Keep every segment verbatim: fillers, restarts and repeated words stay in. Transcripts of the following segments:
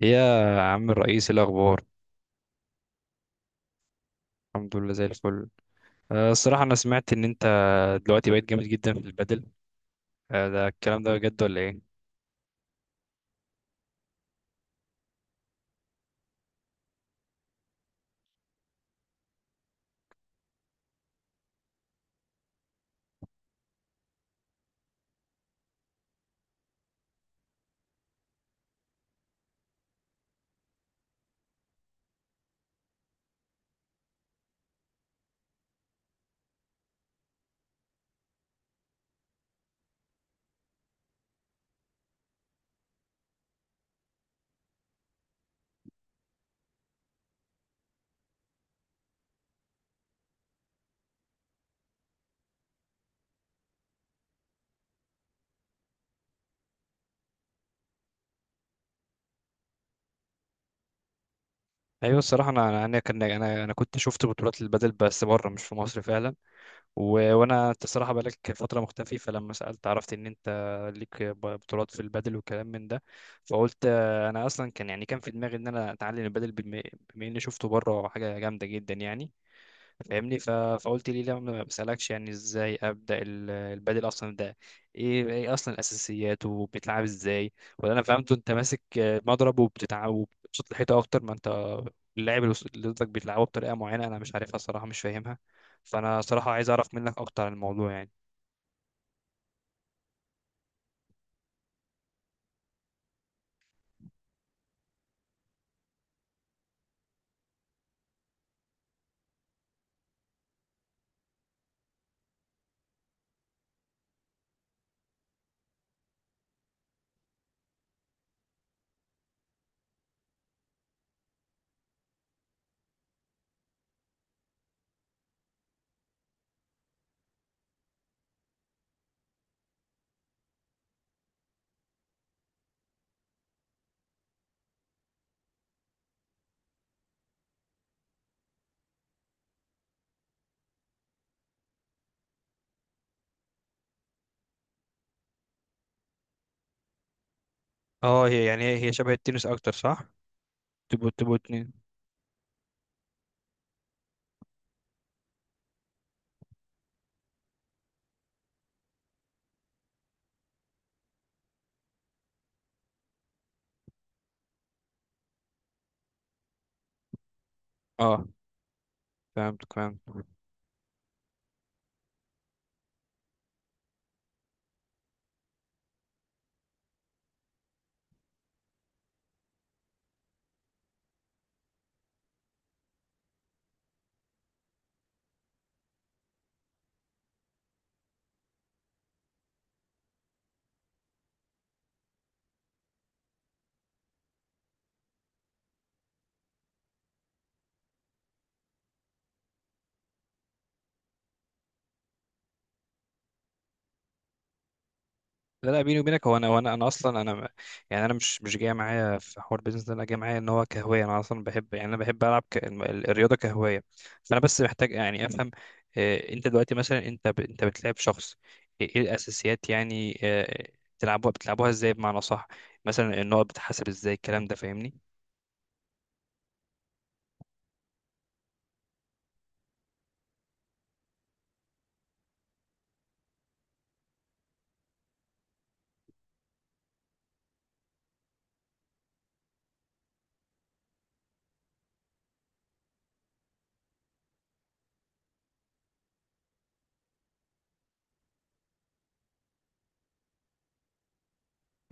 يا عم الرئيس، إيه الاخبار؟ الحمد لله زي الفل. آه، الصراحه انا سمعت ان انت دلوقتي بقيت جامد جدا في البادل. آه، ده الكلام ده بجد ولا ايه؟ ايوه الصراحه انا انا أنا كان انا انا كنت شفت بطولات البادل بس بره مش في مصر فعلا. و... وانا انت الصراحه بقالك فتره مختفي، فلما سالت عرفت ان انت ليك ب- بطولات في البادل وكلام من ده. فقلت آه، انا اصلا كان يعني كان في دماغي ان انا اتعلم البادل، بما بما اني شفته بره حاجه جامده جدا يعني. فاهمني؟ ف- فقلت ليه لا ما بسألكش يعني ازاي ابدأ ال- البادل اصلا ده. ايه ايه اصلا الاساسيات؟ وبيتلعب ازاي؟ ولا انا فهمته انت ماسك آه، مضرب وبتتعب وبتشوط الحيطه اكتر ما انت اللاعب اللي قص- اللي ضدك بيلعبه بطريقه معينه انا مش عارفها الصراحه، مش فاهمها. فانا صراحه عايز اعرف منك اكتر عن الموضوع يعني. اه، هي يعني هي هي شبه التنس اكتر، صح؟ تبقوا تبقوا اتنين. اه، فهمتك، فهمت. لا لا، بيني وبينك هو انا وانا انا اصلا انا يعني انا مش مش جاي معايا في حوار بيزنس ده، انا جاي معايا ان هو كهوايه، انا اصلا بحب يعني انا بحب العب ك... ال- الرياضه كهوايه. فانا بس محتاج يعني افهم آه، انت دلوقتي مثلا انت ب... انت بتلعب شخص، ايه إيه الاساسيات يعني؟ آه، بتلعبوها بتلعبوها ازاي بمعنى صح؟ مثلا النقط بتتحسب ازاي، الكلام ده، فاهمني؟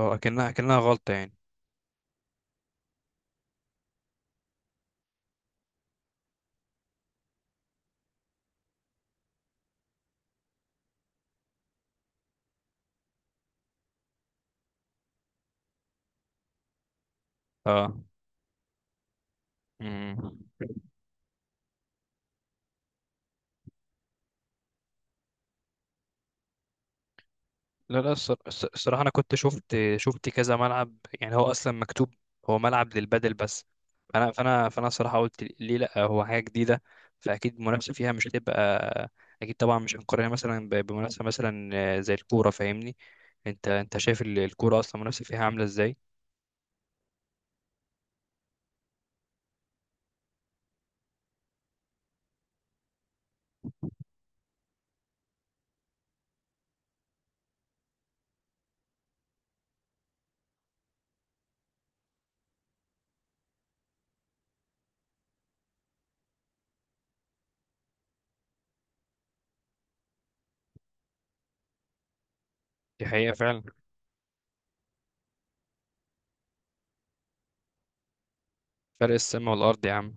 اه، اكنها اكنها غلطه يعني. اه. مم. لا لا، الصر- الص- الصراحة أنا كنت شفت شفت كذا ملعب يعني هو أصلا مكتوب هو ملعب للبادل بس. فأنا فأنا فأنا الصراحة قلت ليه لأ، هو حاجة جديدة، فأكيد المنافسة فيها مش هتبقى، أكيد طبعا مش هنقارنها مثلا ب- بمنافسة مثلا زي الكورة. فاهمني؟ أنت أنت شايف ال- الكورة أصلا المنافسة فيها عاملة إزاي. دي حقيقة فعلا. فرق السما والأرض يا عم.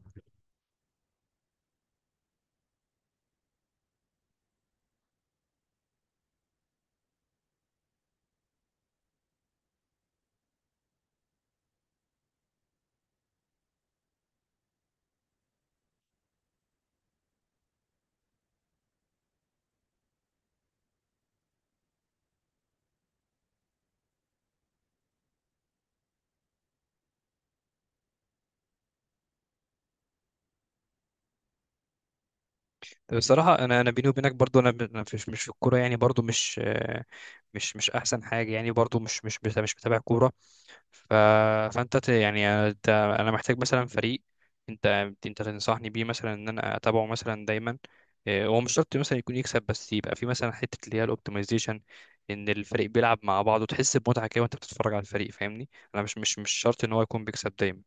بصراحة أنا أنا بيني وبينك برضو أنا ب- أنا مش مش في الكورة يعني، برضو مش مش مش أحسن حاجة يعني، برضو مش مش مش متابع كورة. ف... فانت ت... يعني انت... انا محتاج مثلا فريق، انت انت تنصحني بيه مثلا ان انا اتابعه مثلا دايما. آه، هو مش شرط مثلا يكون يكسب، بس يبقى في مثلا حته اللي هي الاوبتمايزيشن، ان الفريق بيلعب مع بعض وتحس بمتعه كده وانت بتتفرج على الفريق، فاهمني؟ انا مش مش مش شرط ان هو يكون بيكسب دايما.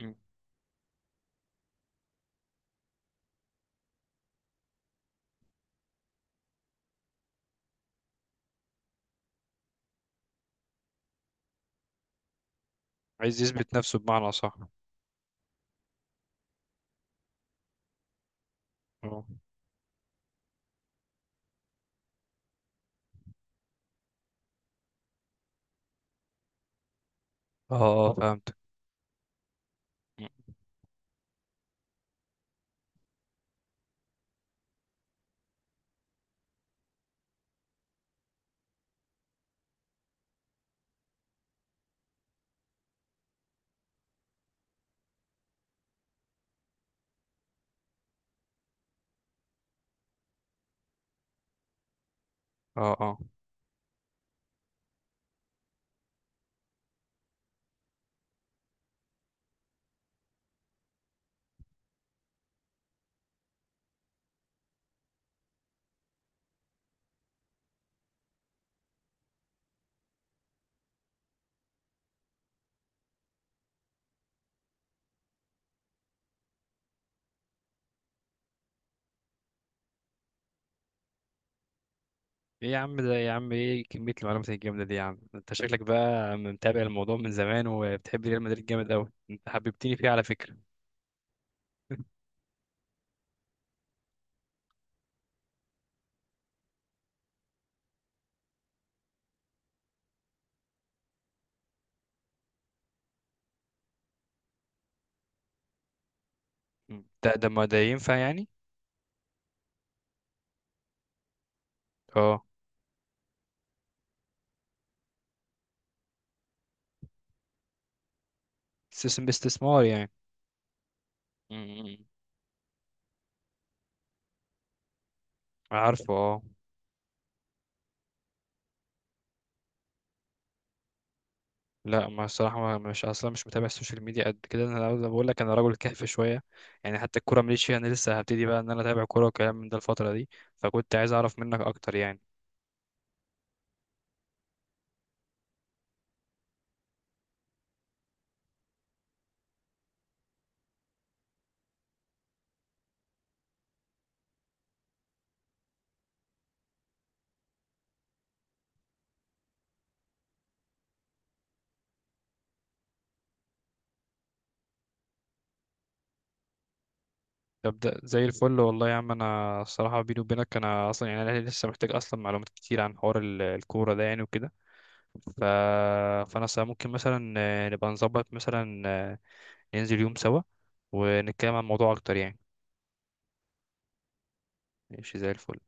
مم. عايز يثبت نفسه بمعنى صح؟ اه. اه، فهمت. اه. اه، ايه يا عم ده، يا عم ايه كمية المعلومات الجامدة دي، يا عم انت شكلك بقى متابع الموضوع من زمان وبتحب ريال مدريد جامد قوي، انت حببتني فيه على فكرة. مم. ده ده ما ده ينفع يعني؟ اه. سيستم استثمار يعني. مم. عارفه، اه. لا، ما الصراحة ما- مش أصلا مش متابع السوشيال ميديا قد كده، أنا أنا بقول لك أنا راجل كهف شوية يعني، حتى الكورة ماليش فيها، أنا لسه هبتدي بقى إن أنا أتابع كورة وكلام من ده الفترة دي. فكنت عايز أعرف منك أكتر يعني. طب ده زي الفل والله يا عم. أنا الصراحة بيني وبينك أنا أصلا يعني أنا لسه محتاج أصلا معلومات كتير عن حوار ال- الكورة ده يعني وكده. ف... فأنا س- ممكن مثلا آه، نبقى نظبط مثلا ننزل يوم سوا ونتكلم عن الموضوع اكتر يعني. ماشي زي الفل.